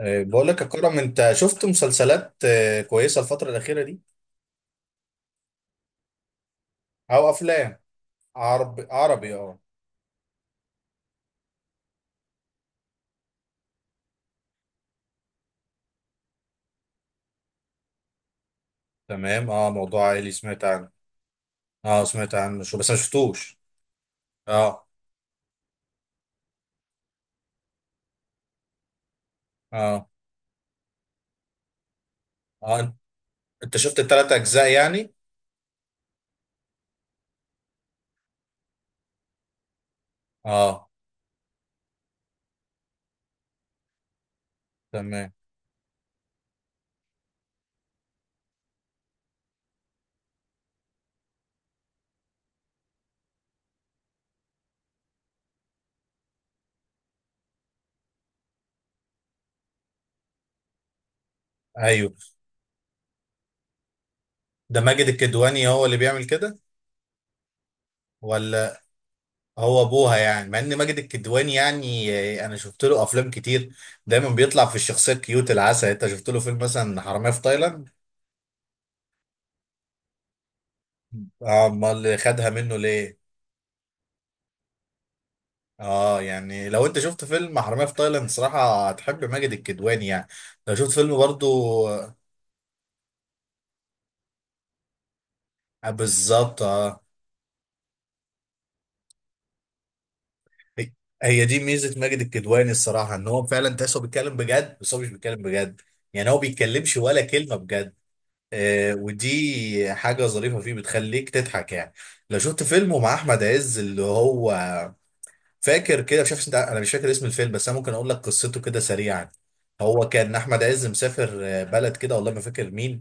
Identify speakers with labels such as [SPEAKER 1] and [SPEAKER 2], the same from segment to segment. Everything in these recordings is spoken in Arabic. [SPEAKER 1] بقول لك يا كرم، انت شفت مسلسلات كويسه الفتره الاخيره دي او افلام؟ عربي عربي اه. تمام اه، موضوع عائلي سمعت عنه. اه سمعت عنه شو بس ما شفتوش. اه اه اه أنت شفت الثلاث اجزاء يعني؟ اه. تمام. ايوه. ده ماجد الكدواني هو اللي بيعمل كده ولا... هو ابوها يعني؟ مع ان ماجد الكدواني يعني انا شفت له افلام كتير، دايما بيطلع في الشخصيه الكيوت العسل. انت شفت له فيلم مثلا حراميه في تايلاند؟ اه، امال خدها منه ليه؟ اه يعني، لو انت شفت فيلم حرامية في تايلاند صراحة هتحب ماجد الكدواني يعني. لو شفت فيلم برضو بالظبط اه. هي هي دي ميزة ماجد الكدواني الصراحة، ان هو فعلا تحسه بيتكلم بجد بس هو مش بيتكلم بجد. يعني هو بيتكلمش ولا كلمة بجد. آه، ودي حاجة ظريفة فيه بتخليك تضحك يعني. لو شفت فيلمه مع احمد عز اللي هو... فاكر كده، مش عارف انت، انا مش فاكر اسم الفيلم بس انا ممكن اقول لك قصته كده سريعا. هو كان احمد عز مسافر بلد كده، والله ما فاكر مين.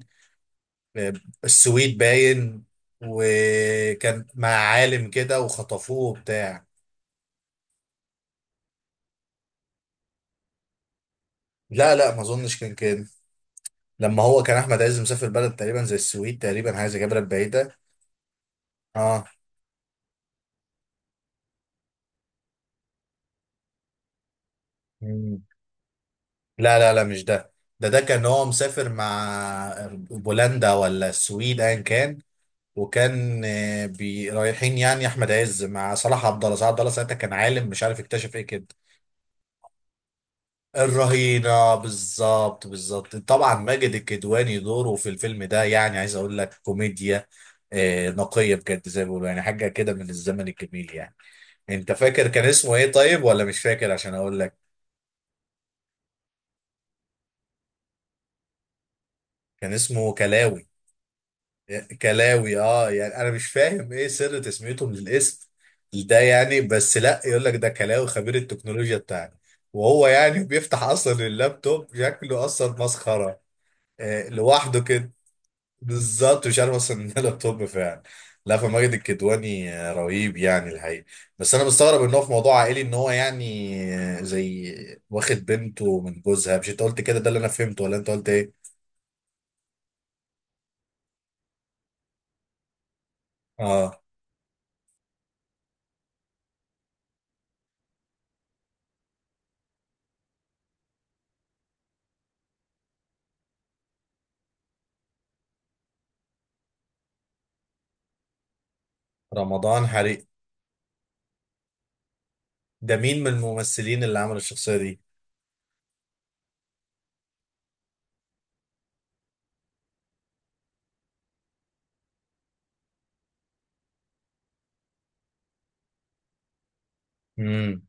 [SPEAKER 1] السويد باين. وكان مع عالم كده وخطفوه وبتاع. لا لا، ما اظنش كان كده. لما هو كان احمد عز مسافر بلد تقريبا زي السويد، تقريبا حاجه زي كده بلد بعيده. اه. مم. لا لا لا، مش ده. ده كان هو مسافر مع بولندا ولا السويد ايا كان. وكان بي رايحين، يعني احمد عز مع صلاح عبد الله. صلاح عبد الله ساعتها كان عالم، مش عارف اكتشف ايه كده. الرهينة، بالظبط بالظبط طبعا. ماجد الكدواني دوره في الفيلم ده يعني عايز اقول لك كوميديا نقية بجد زي ما بيقولوا، يعني حاجة كده من الزمن الجميل يعني. انت فاكر كان اسمه ايه طيب ولا مش فاكر؟ عشان اقول لك، كان اسمه كلاوي. كلاوي اه. يعني انا مش فاهم ايه سر تسميتهم للاسم ده يعني. بس لا، يقول لك ده كلاوي خبير التكنولوجيا بتاعنا، وهو يعني بيفتح اصلا اللابتوب شكله اصلا مسخرة لوحده كده. بالظبط، مش عارف اصلا ان ده لابتوب فعلا. لا، فماجد الكدواني رهيب يعني الحقيقه. بس انا مستغرب ان هو في موضوع عائلي، ان هو يعني زي واخد بنته من جوزها. مش انت قلت كده؟ ده اللي انا فهمته، ولا انت قلت ايه؟ اه. رمضان حريق، ده مين من الممثلين اللي عمل الشخصيه دي؟ امم.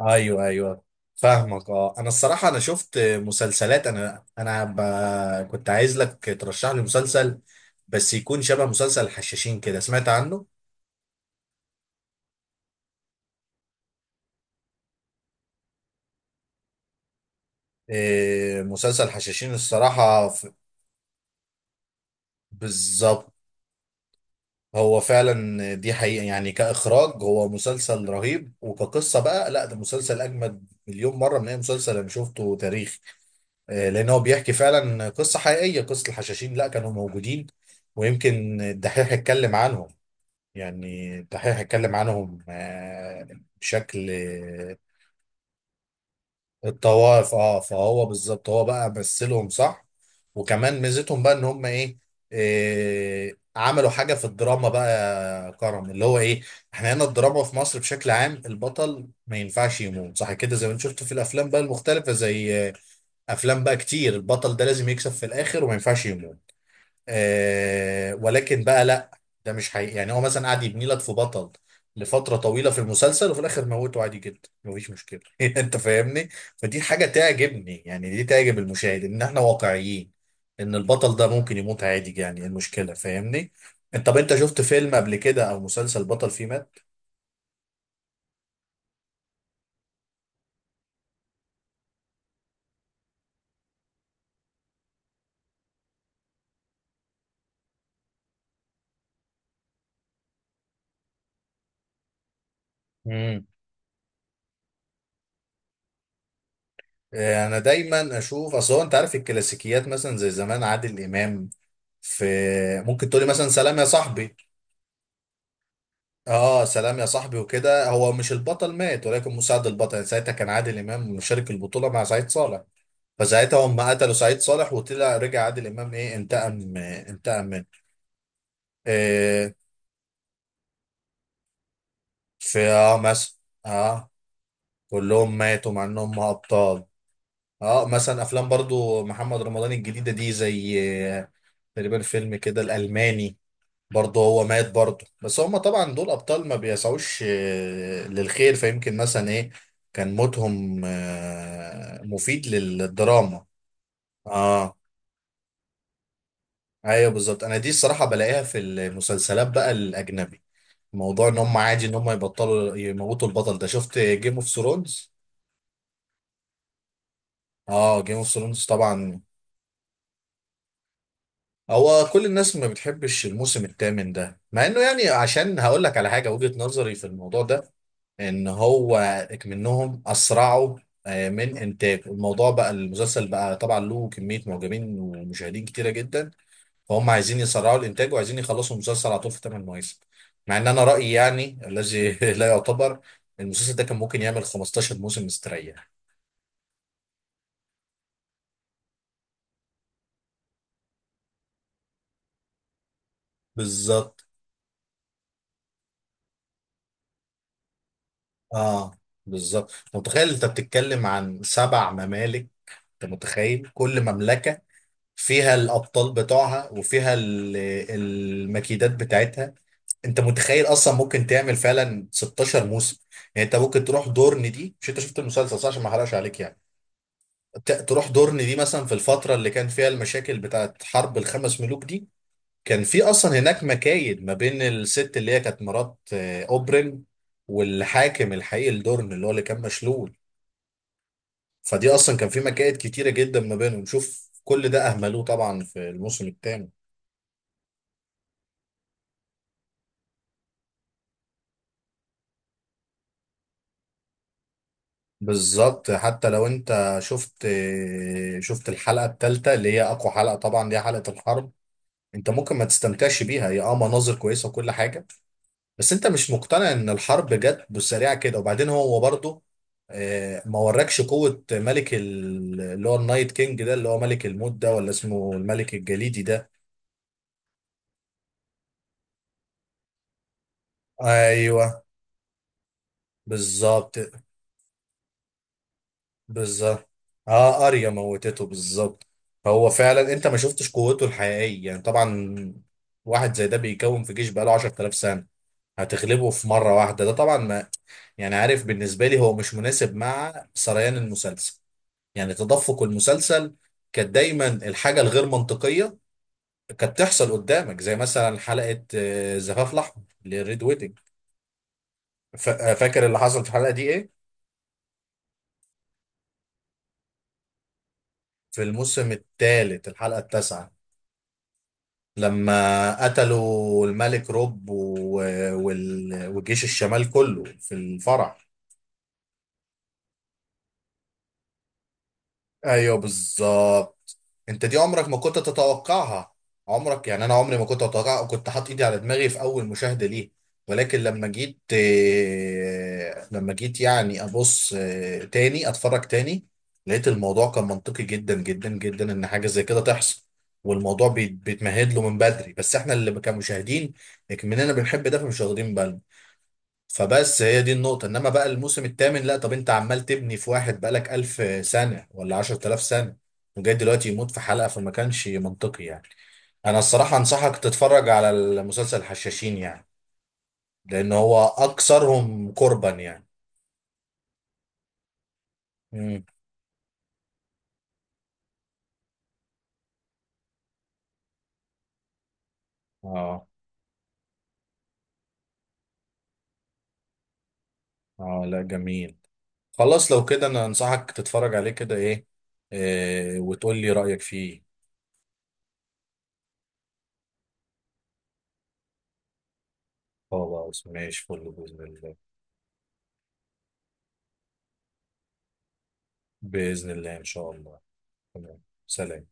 [SPEAKER 1] ايوه ايوه فاهمك. اه، انا الصراحه انا شفت مسلسلات، انا ب... كنت عايز لك ترشح لي مسلسل، بس يكون شبه مسلسل الحشاشين كده. سمعت عنه؟ إيه، مسلسل حشاشين الصراحة بالظبط. هو فعلا دي حقيقة، يعني كإخراج هو مسلسل رهيب، وكقصة بقى لا، ده مسلسل أجمد مليون مرة من أي مسلسل أنا شفته تاريخ. إيه، لأن هو بيحكي فعلا قصة حقيقية، قصة الحشاشين لا، كانوا موجودين. ويمكن الدحيح اتكلم عنهم. يعني الدحيح اتكلم عنهم بشكل... الطوائف اه، فهو بالظبط هو بقى مثلهم صح. وكمان ميزتهم بقى ان هم ايه، إيه عملوا حاجه في الدراما بقى. يا كرم اللي هو ايه، احنا هنا الدراما في مصر بشكل عام البطل ما ينفعش يموت صح كده، زي ما انت شفت في الافلام بقى المختلفه زي افلام بقى كتير، البطل ده لازم يكسب في الاخر وما ينفعش يموت. آه ولكن بقى لا، ده مش حقيقي يعني. هو مثلا قاعد يبني لك في بطل لفترة طويلة في المسلسل، وفي الآخر موته عادي جدا مفيش مشكلة أنت فاهمني؟ فدي حاجة تعجبني يعني، دي تعجب المشاهد إن إحنا واقعيين، إن البطل ده ممكن يموت عادي. يعني إيه المشكلة؟ فاهمني؟ أنت طب أنت شفت فيلم قبل كده أو مسلسل بطل فيه مات؟ مم. انا دايما اشوف، اصل هو انت عارف الكلاسيكيات مثلا زي زمان عادل امام في... ممكن تقولي مثلا سلام يا صاحبي. اه، سلام يا صاحبي وكده هو مش البطل مات، ولكن مساعد البطل. يعني ساعتها كان عادل امام مشارك البطوله مع سعيد صالح، فساعتها هم قتلوا سعيد صالح، وطلع رجع عادل امام ايه انتقم انتقم منه. إيه. في اه مثلا... اه كلهم ماتوا مع انهم ابطال. اه مثلا افلام برضو محمد رمضان الجديده دي زي آه، تقريبا فيلم كده الالماني، برضه هو مات برضه، بس هما طبعا دول ابطال ما بيسعوش للخير، فيمكن مثلا ايه كان موتهم مفيد للدراما. اه ايوه بالظبط، انا دي الصراحه بلاقيها في المسلسلات بقى الاجنبي، موضوع ان هم عادي ان هم يبطلوا يموتوا البطل ده. شفت جيم اوف ثرونز؟ اه، جيم اوف ثرونز طبعا. هو كل الناس ما بتحبش الموسم الثامن ده، مع انه يعني... عشان هقول لك على حاجه، وجهه نظري في الموضوع ده ان هو منهم اسرعوا من انتاج الموضوع. بقى المسلسل بقى طبعا له كميه معجبين ومشاهدين كتيره جدا، فهم عايزين يسرعوا الانتاج وعايزين يخلصوا المسلسل على طول في 8 مواسم. مع ان انا رايي يعني الذي لا يعتبر، المسلسل ده كان ممكن يعمل 15 موسم مستريح. بالظبط اه، بالظبط انت متخيل؟ انت بتتكلم عن سبع ممالك. انت متخيل كل مملكة فيها الأبطال بتوعها وفيها المكيدات بتاعتها. انت متخيل اصلا ممكن تعمل فعلا 16 موسم. يعني انت ممكن تروح دورن دي، مش انت شفت المسلسل صح عشان ما احرقش عليك يعني. تروح دورن دي مثلا في الفترة اللي كان فيها المشاكل بتاعت حرب الخمس ملوك دي. كان في اصلا هناك مكايد ما بين الست اللي هي كانت مرات اوبرين، والحاكم الحقيقي لدورن اللي هو اللي كان مشلول. فدي اصلا كان في مكائد كتيره جدا ما بينهم. شوف كل ده اهملوه طبعا في الموسم الثاني. بالظبط. حتى لو انت شفت الحلقه الثالثه اللي هي اقوى حلقه طبعا، دي حلقه الحرب. انت ممكن ما تستمتعش بيها، هي اه مناظر كويسه وكل حاجه، بس انت مش مقتنع ان الحرب جت بالسريعه كده. وبعدين هو برضه ما وراكش قوه. ملك اللي هو النايت كينج ده، اللي هو ملك الموت ده، ولا اسمه الملك الجليدي ده. ايوه بالظبط بالظبط اه، اريا موتته بالظبط. هو فعلا انت ما شفتش قوته الحقيقيه يعني طبعا. واحد زي ده بيكون في جيش بقاله 10000 سنه، هتغلبه في مره واحده؟ ده طبعا ما... يعني عارف، بالنسبه لي هو مش مناسب مع سريان المسلسل، يعني تدفق المسلسل. كانت دايما الحاجه الغير منطقيه كانت تحصل قدامك، زي مثلا حلقه زفاف الاحمر للريد ويدنج. فاكر اللي حصل في الحلقه دي ايه؟ في الموسم الثالث الحلقه التاسعه لما قتلوا الملك روب وجيش الشمال كله في الفرح. ايوه بالظبط. انت دي عمرك ما كنت تتوقعها، عمرك. يعني انا عمري ما كنت اتوقع، كنت حاطط ايدي على دماغي في اول مشاهدة ليه. ولكن لما جيت يعني ابص تاني، اتفرج تاني، لقيت الموضوع كان منطقي جدا جدا جدا ان حاجة زي كده تحصل. والموضوع بيتمهد له من بدري، بس احنا اللي كمشاهدين مننا بنحب ده فمش واخدين بالنا. فبس هي دي النقطة. انما بقى الموسم الثامن لا، طب انت عمال تبني في واحد بقالك 1000 سنة ولا 10000 سنة، وجاي دلوقتي يموت في حلقة؟ فما كانش منطقي يعني. انا الصراحة انصحك تتفرج على المسلسل الحشاشين يعني، لان هو اكثرهم قربا يعني. امم. اه اه، لا جميل. خلاص لو كده، انا انصحك تتفرج عليه كده ايه، إيه وتقول لي رأيك فيه. خلاص ماشي، فل بإذن الله. بإذن الله إن شاء الله. تمام، سلام.